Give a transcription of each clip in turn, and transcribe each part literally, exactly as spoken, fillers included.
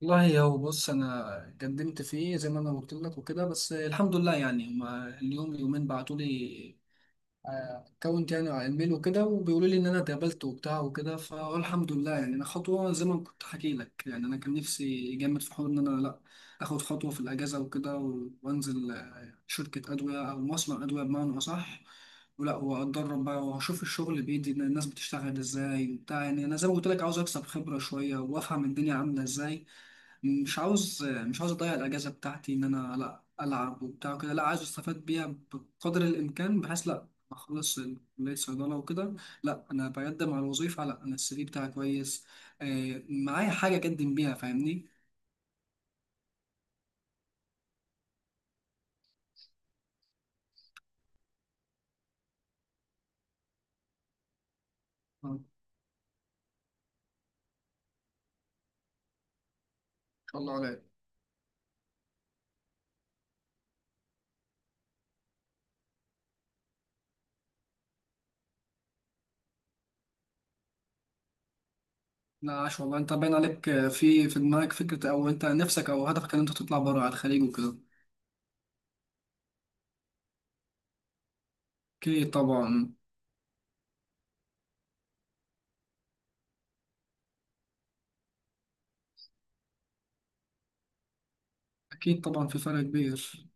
والله هو بص انا قدمت فيه زي ما انا قلت لك وكده، بس الحمد لله. يعني هما اليوم يومين بعتوا لي اكونت يعني على الميل وكده، وبيقولوا لي ان انا اتقبلت وبتاع وكده، فالحمد لله. يعني انا خطوه زي ما كنت حكي لك، يعني انا كان نفسي جامد في حوار ان انا لا اخد خطوه في الاجازه وكده و- وانزل آه، شركه ادويه او مصنع ادويه بمعنى اصح. ولا واتدرب بقى واشوف الشغل بايدي ان الناس بتشتغل ازاي وبتاع. يعني انا زي ما قلت لك عاوز اكسب خبره شويه وافهم الدنيا عامله ازاي. مش عاوز مش عاوز اضيع الاجازه بتاعتي ان انا لا العب وبتاع كده، لا عايز استفاد بيها بقدر الامكان، بحيث لا اخلص كليه صيدله وكده لا انا بقدم على وظيفه، لا انا السي في بتاعي كويس، آه معايا حاجه اقدم بيها فاهمني. آه، ان شاء الله عليك. لا عاش والله، انت باين عليك آه، في في دماغك فكره او انت نفسك او هدفك ان انت تطلع بره على الخليج وكده. اكيد طبعا. اكيد طبعا، في فرق كبير.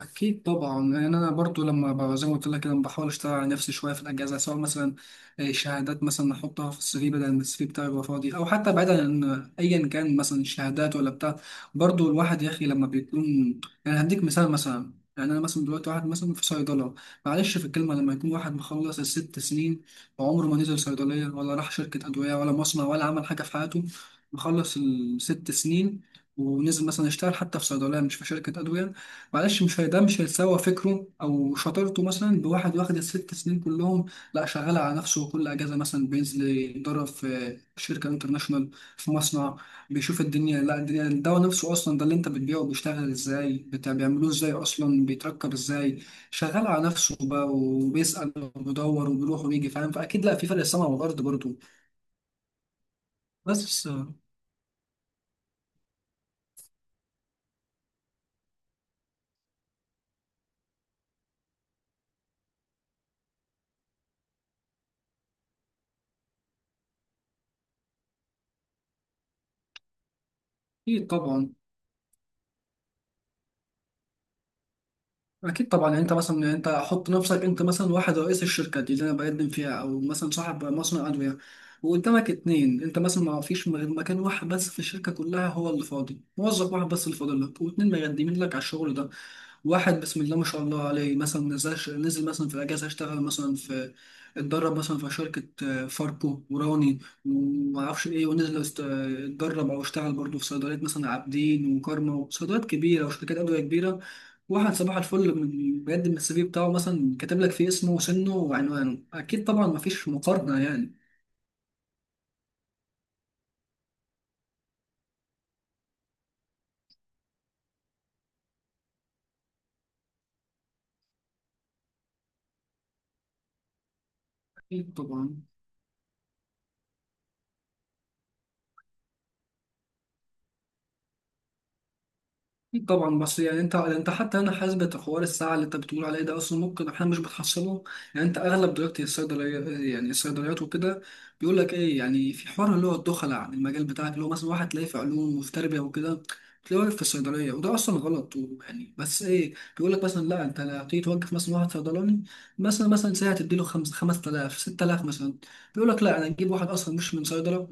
أكيد طبعا. يعني أنا برضو لما ب- زي ما قلت لك كده بحاول أشتغل على نفسي شوية في الأجازة، سواء مثلا آه، شهادات مثلا أحطها في السي في بدل ما السي في بتاعي يبقى فاضي، أو حتى بعيدا عن أيا كان مثلا الشهادات ولا بتاع. برضو الواحد يا أخي لما بيكون، يعني هديك مثال. مثلا يعني أنا مثلا دلوقتي واحد مثلا في صيدلة، معلش في الكلمة، لما يكون واحد مخلص الست سنين وعمره ما نزل صيدلية ولا راح شركة أدوية ولا مصنع ولا عمل حاجة في حياته، مخلص الست سنين، ونزل مثلا يشتغل حتى في صيدلية مش في شركة أدوية، معلش مش هي- ده مش هيساوى فكره او شطارته مثلا بواحد واخد الست سنين كلهم، لا شغال على نفسه وكل اجازه مثلا بينزل يتدرب في شركه انترناشونال، في مصنع، بيشوف الدنيا، لا الدنيا الدواء نفسه اصلا، ده اللي انت بتبيعه بيشتغل ازاي بتاع بيعملوه ازاي، اصلا بيتركب ازاي، شغال على نفسه بقى وبيسال وبيدور وبيروح وبيجي فاهم، فاكيد لا، في فرق السما والارض برضه. بس، اكيد طبعا. اكيد طبعا، يعني انت مثلا، يعني انت حط نفسك انت مثلا واحد رئيس الشركه دي اللي انا بقدم فيها او مثلا صاحب مصنع ادويه، وقدامك اتنين، انت مثلا ما فيش غير مكان واحد بس في الشركه كلها هو اللي فاضي، موظف واحد بس اللي فاضل لك واتنين مقدمين لك على الشغل ده. واحد بسم الله ما شاء الله عليه مثلا نزل نزل مثلا في الاجازه اشتغل مثلا في، اتدرب مثلا في شركه آه، فاركو وراني وما اعرفش ايه، ونزل است- اتدرب او اشتغل برضه في صيدليات مثلا عابدين وكارما وصيدليات كبيره وشركات ادويه كبيره. واحد صباح الفل من بيقدم السي في بتاعه مثلا كاتب لك فيه اسمه وسنه وعنوانه، اكيد طبعا مفيش مقارنة يعني. اكيد طبعا. أكيد طبعا، بس يعني، انت انت حتى انا حاسبة حوار الساعه اللي انت بتقول عليه ده اصلا ممكن احنا مش بنحصله. يعني انت اغلب دلوقتي الصيدليه، يعني الصيدليات وكده بيقول لك ايه، يعني في حوار اللي هو الدخلاء عن المجال بتاعك، اللي هو مثلا واحد تلاقيه في علوم وفي تربيه وكده تلاقيه واقف في الصيدليه، وده اصلا غلط. يعني بس ايه، بيقول لك مثلا لا انت هتيجي توقف مثلا واحد صيدلاني مثلا مثلا ساعه تديله خمس خمسة آلاف ستة آلاف مثلا، بيقول لك لا انا اجيب واحد اصلا مش من صيدله،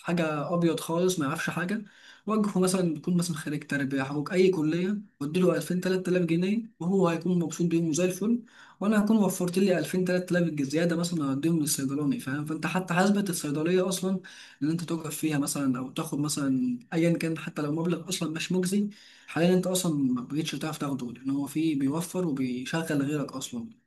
حاجه ابيض خالص ما يعرفش حاجه، وجهه مثلا بيكون مثلا خريج تربيه او اي كليه واديله ألفين تلات آلاف جنيه، وهو هيكون مبسوط بيهم زي الفل، وانا هكون وفرت لي ألفين تلات آلاف الج- زياده مثلا هديهم للصيدلاني فاهم، فانت حتى حاسبه الصيدليه اصلا اللي انت تقف فيها مثلا او تاخد مثلا ايا كان، حتى لو مبلغ اصلا مش مجزي حاليا انت اصلا ما بقتش تعرف تاخده، لان هو فيه بيوفر وبيشغل غيرك اصلا.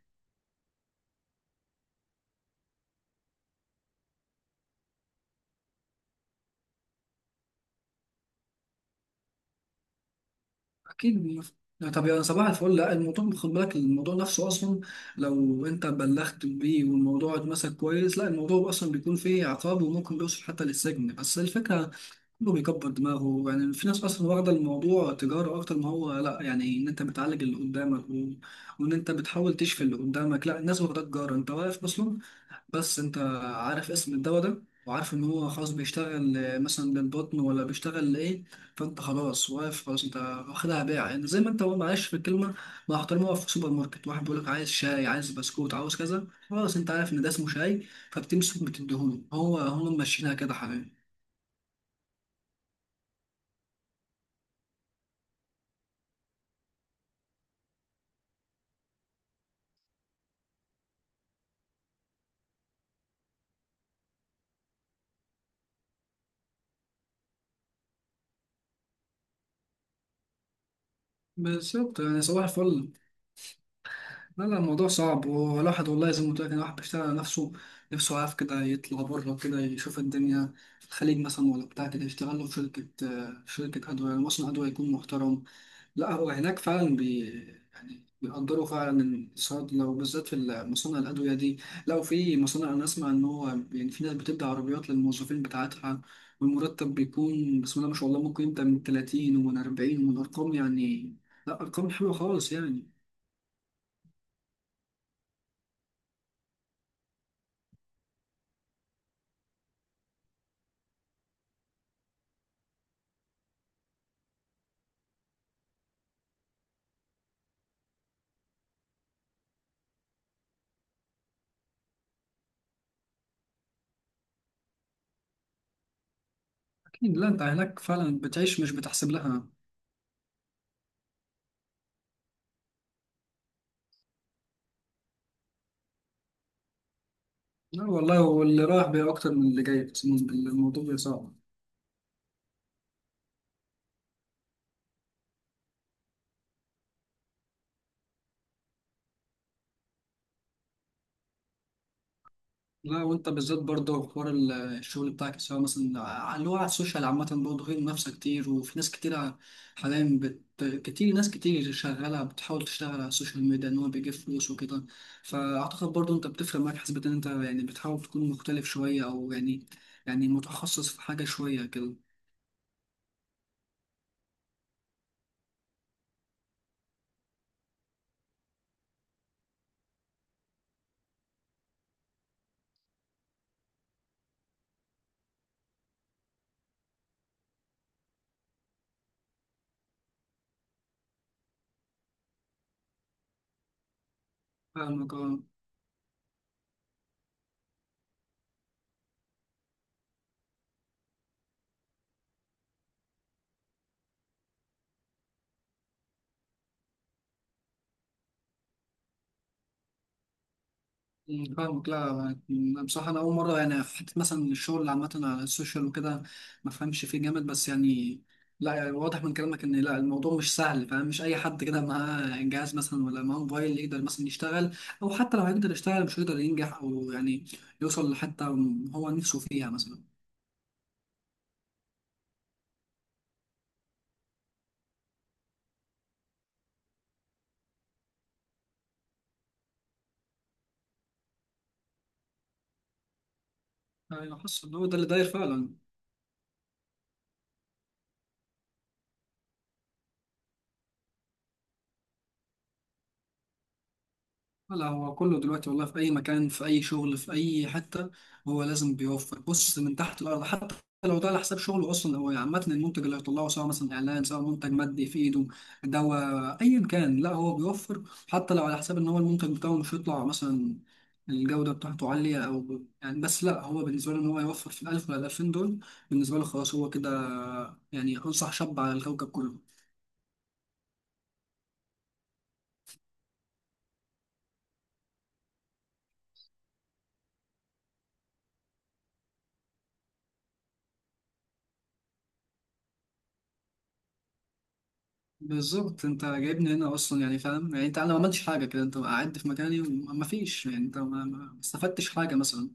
اكيد بيف- لا طب يا صباح الفل، لا الموضوع، خد بالك الموضوع نفسه اصلا لو انت بلغت بيه والموضوع اتمسك كويس، لا الموضوع اصلا بيكون فيه عقاب وممكن بيوصل حتى للسجن، بس الفكره كله بيكبر دماغه. يعني في ناس اصلا واخده الموضوع تجاره اكتر، ما هو لا يعني ان انت بتعالج اللي قدامك و... وان انت بتحاول تشفي اللي قدامك، لا الناس واخده تجاره، انت واقف اصلا بس انت عارف اسم الدواء ده وعارف ان هو خلاص بيشتغل آه، مثلا للبطن ولا بيشتغل لايه، فانت خلاص واقف، خلاص انت واخدها بيع، يعني زي ما انت، هو معلش في الكلمه مع احترامي، واقف في السوبر ماركت، واحد بيقول لك عايز شاي عايز بسكوت عاوز كذا، خلاص انت عارف ان ده اسمه شاي فبتمسك بتديهوله، هو هم ماشيينها كده حبيبي. بالظبط يعني صباح الفل. لا لا الموضوع صعب، والواحد والله زي ما قلت لك إن الواحد بيشتغل على نفسه، نفسه عارف كده يطلع بره كده يشوف الدنيا في الخليج مثلا ولا بتاع كده، يشتغل له في شركة آه، في شركة أدوية، يعني مصنع أدوية يكون محترم، لا هو هناك فعلا بي يعني بيقدروا فعلا الصيدلة وبالذات في مصانع الأدوية دي، لو في مصانع أنا أسمع إن هو يعني في ناس بتدي عربيات للموظفين بتاعتها، والمرتب بيكون بسم الله ما شاء الله ممكن يبدأ من ثلاثين ومن أربعين ومن أرقام، يعني لا أرقام حلوة خالص يعني. أكيد، لا أنت هناك فعلا بتعيش مش بتحسب لها. لا والله واللي رايح بيه أكتر من اللي جاي، أقسم بالله الموضوع بيبقى صعب. لا وأنت بالذات برضه حوار ال- الشغل بتاعك سواء مثلا ع- اللي هو على السوشيال عامة، برضه هي منافسة كتير وفي ناس كتير ع- حاليا بت... كتير ناس كتير شغالة بتحاول تشتغل على السوشيال ميديا إن هو بيجيب فلوس وكده. فأعتقد برضه أنت بتفرق معاك حسب إن أنت يعني بتحاول تكون مختلف شوية أو يعني، يعني متخصص في حاجة شوية كده. فاهمك آه. مم، فاهمك لا. ما- بصراحة أنا أول مرة يعني في حتة مثلا الشغل عامة على السوشيال وكده، ما فهمش فيه جامد بس يعني. لا يعني واضح من كلامك إن لا الموضوع مش سهل فاهم، مش أي حد كده معاه جهاز مثلا ولا معاه موبايل يقدر مثلا يشتغل، أو حتى لو هيقدر يشتغل مش هيقدر ينجح أو يعني، يوصل لحتة هو نفسه فيها مثلا. يعني حاسس إن هو ده اللي داير فعلا. لا هو كله دلوقتي والله في أي مكان في أي شغل في أي حتة، هو لازم بيوفر، بص من تحت الأرض حتى لو ده على حساب شغله أصلا، هو عامة المنتج اللي هيطلعه سواء مثلا إعلان سواء منتج مادي في إيده، دواء أيا كان، لا هو بيوفر حتى لو على حساب إن هو المنتج بتاعه مش هيطلع مثلا الجودة بتاعته عالية أو يعني، بس لا هو بالنسبة له إن هو يوفر في الألف ولا الألفين دول، بالنسبة له خلاص هو كده يعني، أنصح شاب على الكوكب كله. بالظبط، انت جايبني هنا اصلا، يعني فاهم، يعني انت انا ما عملتش حاجه كده انت قعدت في مكاني وما فيش، يعني انت ما ما استفدتش حاجه مثلا.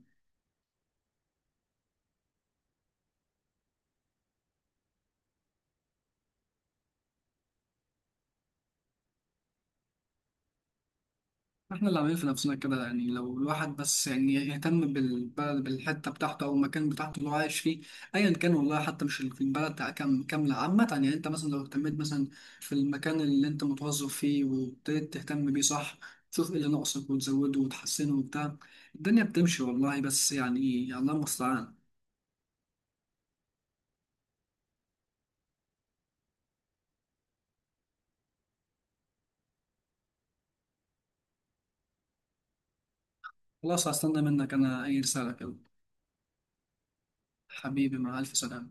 احنا اللي عاملين في نفسنا كده، يعني لو الواحد بس يعني يهتم بالبلد بالحته بتاعته او المكان بتاعته اللي هو عايش فيه ايا كان، والله حتى مش في البلد كام- كامله عامه، يعني انت مثلا لو اهتميت مثلا في المكان اللي انت متوظف فيه وابتديت تهتم بيه صح، تشوف ايه اللي ناقصك وتزوده وتحسنه وبتاع. الدنيا بتمشي والله، بس يعني الله المستعان. خلاص هستنى منك انا اي رساله كده. حبيبي مع ألف سلامة.